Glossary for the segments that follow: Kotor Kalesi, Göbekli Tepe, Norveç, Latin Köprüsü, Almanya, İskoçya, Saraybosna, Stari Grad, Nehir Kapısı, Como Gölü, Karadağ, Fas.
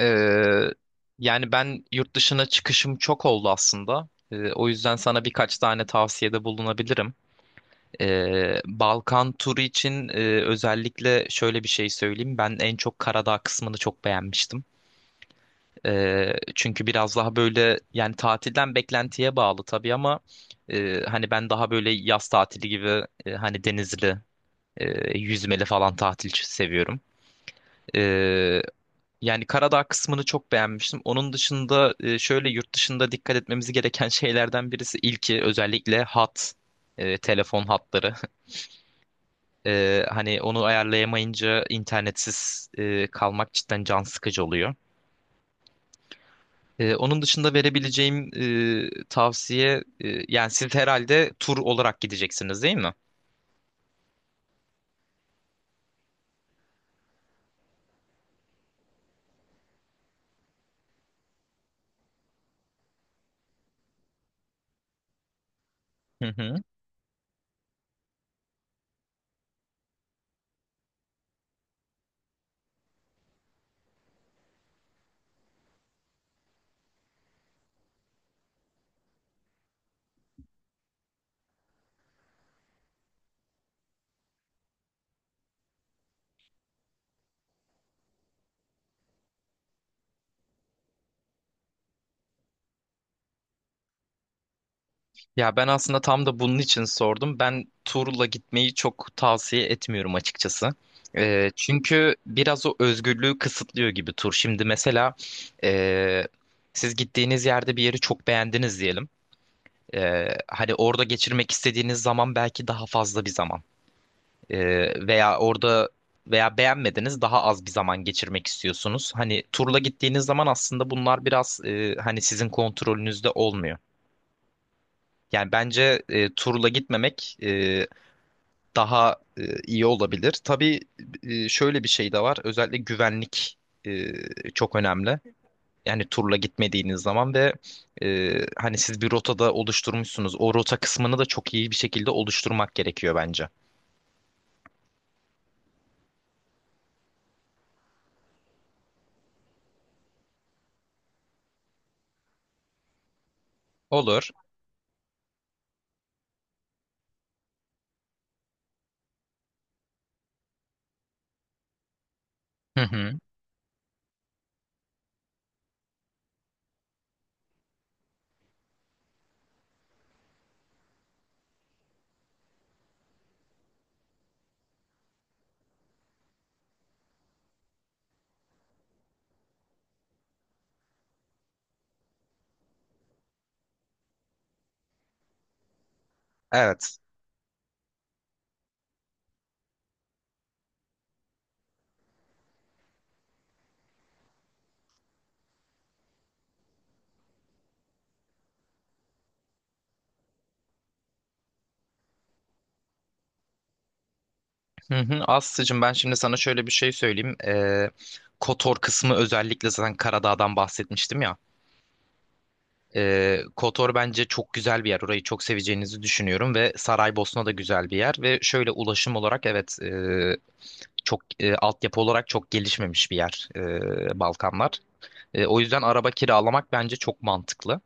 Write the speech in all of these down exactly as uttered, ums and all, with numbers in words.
Ee, Yani ben yurt dışına çıkışım çok oldu aslında. Ee, o yüzden sana birkaç tane tavsiyede bulunabilirim. Ee, Balkan turu için e, özellikle şöyle bir şey söyleyeyim. Ben en çok Karadağ kısmını çok beğenmiştim. Ee, çünkü biraz daha böyle yani tatilden beklentiye bağlı tabii ama e, hani ben daha böyle yaz tatili gibi e, hani denizli, e, yüzmeli falan tatil seviyorum. Yani Karadağ kısmını çok beğenmiştim. Onun dışında e, şöyle yurt dışında dikkat etmemiz gereken şeylerden birisi ilki özellikle hat, e, telefon hatları. E, hani onu ayarlayamayınca internetsiz e, kalmak cidden can sıkıcı oluyor. E, onun dışında verebileceğim e, tavsiye e, yani siz herhalde tur olarak gideceksiniz, değil mi? Hı hı. Ya ben aslında tam da bunun için sordum. Ben turla gitmeyi çok tavsiye etmiyorum açıkçası. Ee, çünkü biraz o özgürlüğü kısıtlıyor gibi tur. Şimdi mesela ee, siz gittiğiniz yerde bir yeri çok beğendiniz diyelim. Ee, hani orada geçirmek istediğiniz zaman belki daha fazla bir zaman. Ee, veya orada veya beğenmediniz daha az bir zaman geçirmek istiyorsunuz. Hani turla gittiğiniz zaman aslında bunlar biraz ee, hani sizin kontrolünüzde olmuyor. Yani bence e, turla gitmemek e, daha e, iyi olabilir. Tabii e, şöyle bir şey de var. Özellikle güvenlik e, çok önemli. Yani turla gitmediğiniz zaman ve e, hani siz bir rotada oluşturmuşsunuz. O rota kısmını da çok iyi bir şekilde oluşturmak gerekiyor bence. Olur. Hı hı. Evet. Hı hı. Aslı'cığım, ben şimdi sana şöyle bir şey söyleyeyim. E, Kotor kısmı özellikle zaten Karadağ'dan bahsetmiştim ya. Ee, Kotor bence çok güzel bir yer. Orayı çok seveceğinizi düşünüyorum ve Saraybosna da güzel bir yer ve şöyle ulaşım olarak evet e, çok e, altyapı olarak çok gelişmemiş bir yer e, Balkanlar. E, o yüzden araba kiralamak bence çok mantıklı.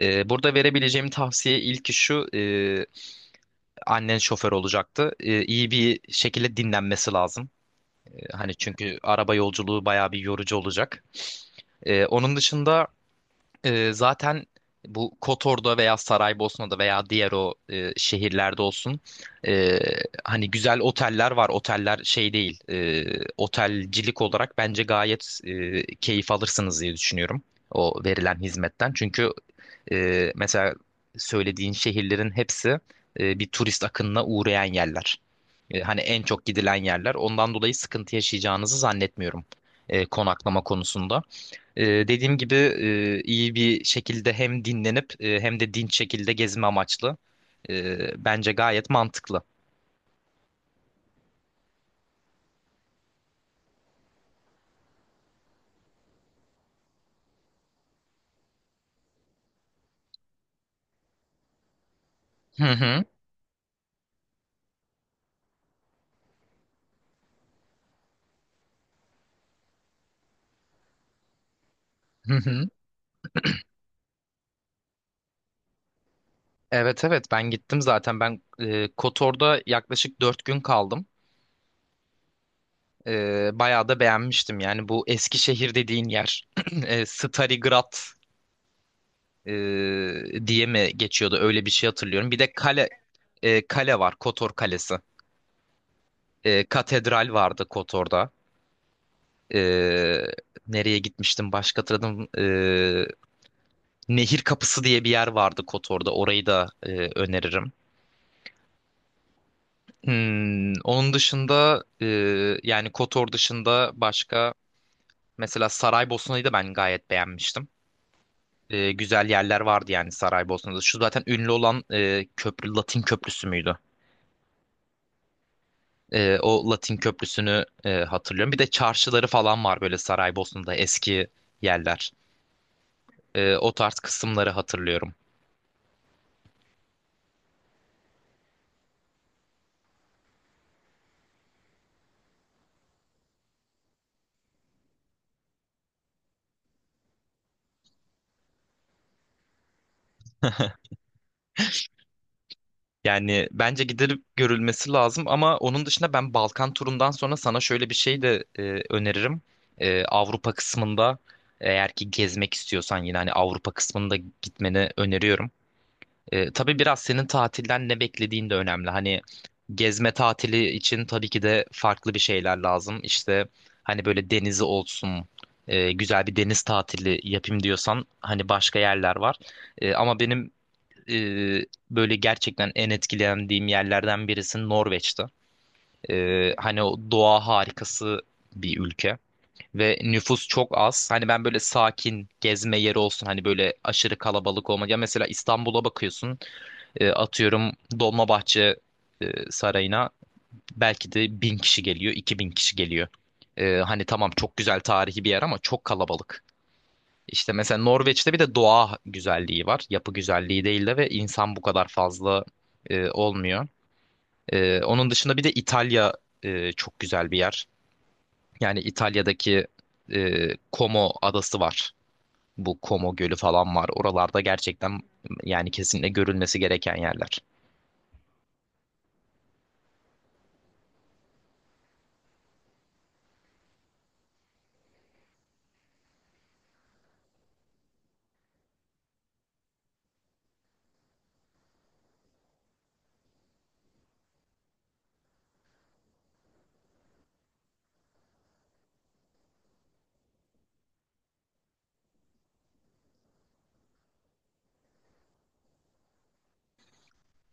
E, burada verebileceğim tavsiye ilki şu, e, annen şoför olacaktı. E, iyi bir şekilde dinlenmesi lazım. E, hani çünkü araba yolculuğu bayağı bir yorucu olacak. E, onun dışında. Ee, zaten bu Kotor'da veya Saraybosna'da veya diğer o e, şehirlerde olsun, e, hani güzel oteller var. Oteller şey değil, e, otelcilik olarak bence gayet e, keyif alırsınız diye düşünüyorum o verilen hizmetten. Çünkü e, mesela söylediğin şehirlerin hepsi e, bir turist akınına uğrayan yerler. E, hani en çok gidilen yerler. Ondan dolayı sıkıntı yaşayacağınızı zannetmiyorum e, konaklama konusunda. Ee, dediğim gibi e, iyi bir şekilde hem dinlenip e, hem de dinç şekilde gezme amaçlı. Ee, bence gayet mantıklı. Hı hı. Hı hı. Evet, evet, ben gittim zaten. Ben e, Kotor'da yaklaşık dört gün kaldım. E, bayağı da beğenmiştim. Yani bu Eskişehir dediğin yer. e, Stari Grad e, diye mi geçiyordu? Öyle bir şey hatırlıyorum. Bir de kale e, kale var. Kotor Kalesi. E, katedral vardı Kotor'da. Ee, Nereye gitmiştim başka hatırladım. Ee, Nehir Kapısı diye bir yer vardı Kotor'da. Orayı da e, öneririm. Hmm, onun dışında e, yani Kotor dışında başka mesela Saraybosna'yı da ben gayet beğenmiştim. E, güzel yerler vardı yani Saraybosna'da. Şu zaten ünlü olan e, köprü Latin Köprüsü müydü? E, o Latin Köprüsü'nü e, hatırlıyorum. Bir de çarşıları falan var böyle Saraybosna'da eski yerler. E, o tarz kısımları hatırlıyorum. Yani bence gidilip görülmesi lazım, ama onun dışında ben Balkan turundan sonra sana şöyle bir şey de e, öneririm. E, Avrupa kısmında eğer ki gezmek istiyorsan yine hani Avrupa kısmında gitmeni öneriyorum. E, tabii biraz senin tatilden ne beklediğin de önemli. Hani gezme tatili için tabii ki de farklı bir şeyler lazım. İşte hani böyle denizi olsun, e, güzel bir deniz tatili yapayım diyorsan hani başka yerler var. E, ama benim e, böyle gerçekten en etkilendiğim yerlerden birisi Norveç'ti. E, hani o doğa harikası bir ülke ve nüfus çok az. Hani ben böyle sakin gezme yeri olsun, hani böyle aşırı kalabalık olmadı. Ya mesela İstanbul'a bakıyorsun, e, atıyorum Dolmabahçe e, Sarayı'na belki de bin kişi geliyor, iki bin kişi geliyor. E, hani tamam çok güzel tarihi bir yer ama çok kalabalık. İşte mesela Norveç'te bir de doğa güzelliği var. Yapı güzelliği değil de ve insan bu kadar fazla e, olmuyor. E, onun dışında bir de İtalya e, çok güzel bir yer. Yani İtalya'daki e, Como adası var. Bu Como Gölü falan var. Oralarda gerçekten yani kesinlikle görülmesi gereken yerler.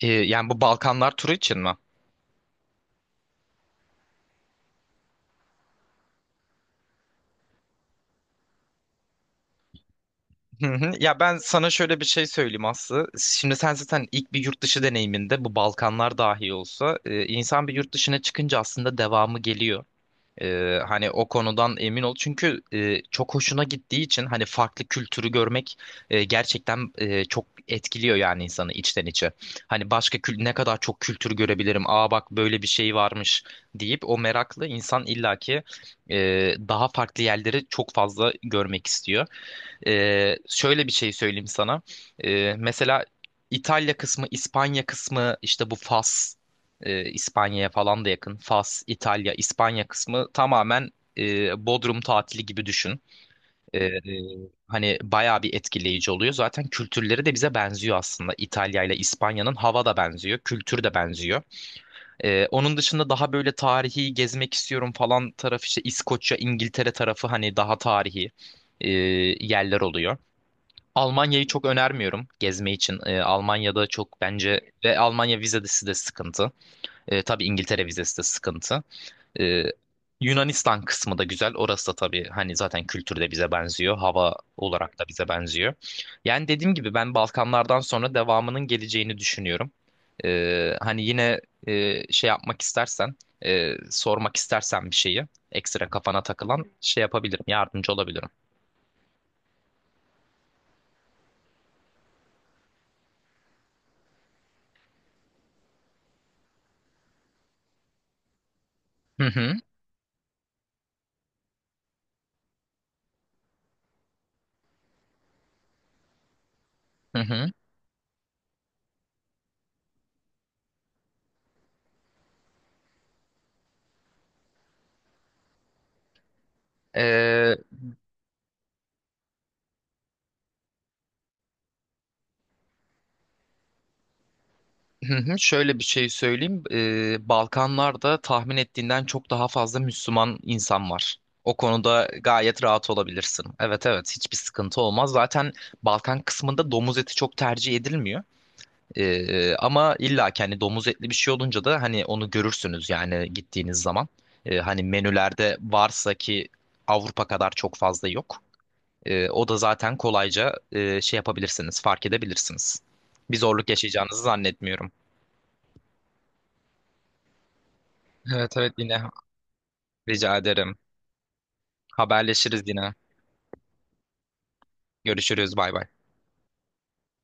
E, yani bu Balkanlar turu için mi? Hı hı. Ya ben sana şöyle bir şey söyleyeyim Aslı. Şimdi sen zaten ilk bir yurt dışı deneyiminde bu Balkanlar dahi olsa e, insan bir yurt dışına çıkınca aslında devamı geliyor. E, hani o konudan emin ol. Çünkü e, çok hoşuna gittiği için hani farklı kültürü görmek e, gerçekten e, çok etkiliyor yani insanı içten içe. Hani başka kül ne kadar çok kültür görebilirim. Aa bak böyle bir şey varmış deyip o meraklı insan illaki e, daha farklı yerleri çok fazla görmek istiyor. Ee, şöyle bir şey söyleyeyim sana. Ee, mesela İtalya kısmı, İspanya kısmı, işte bu Fas, e, İspanya'ya falan da yakın. Fas, İtalya, İspanya kısmı tamamen e, Bodrum tatili gibi düşün. Ee, e, Hani bayağı bir etkileyici oluyor. Zaten kültürleri de bize benziyor aslında. İtalya ile İspanya'nın hava da benziyor, kültür de benziyor. Ee, onun dışında daha böyle tarihi gezmek istiyorum falan tarafı işte İskoçya, İngiltere tarafı hani daha tarihi e, yerler oluyor. Almanya'yı çok önermiyorum gezme için. Ee, Almanya'da çok bence ve Almanya vizesi de sıkıntı. Ee, tabii İngiltere vizesi de sıkıntı. Ee, Yunanistan kısmı da güzel. Orası da tabii hani zaten kültürde bize benziyor. Hava olarak da bize benziyor. Yani dediğim gibi ben Balkanlardan sonra devamının geleceğini düşünüyorum. Ee, hani yine e, şey yapmak istersen, e, sormak istersen bir şeyi, ekstra kafana takılan şey yapabilirim, yardımcı olabilirim. Hı hı, hı hı. Ee, Hı hı. Şöyle bir şey söyleyeyim. Ee, Balkanlarda tahmin ettiğinden çok daha fazla Müslüman insan var. O konuda gayet rahat olabilirsin. Evet, evet, hiçbir sıkıntı olmaz. Zaten Balkan kısmında domuz eti çok tercih edilmiyor. Ee, ama illa ki hani domuz etli bir şey olunca da hani onu görürsünüz yani gittiğiniz zaman. Ee, hani menülerde varsa ki Avrupa kadar çok fazla yok. Ee, o da zaten kolayca e, şey yapabilirsiniz, fark edebilirsiniz. Bir zorluk yaşayacağınızı zannetmiyorum. Evet, evet, yine rica ederim. Haberleşiriz yine. Görüşürüz, bay bay.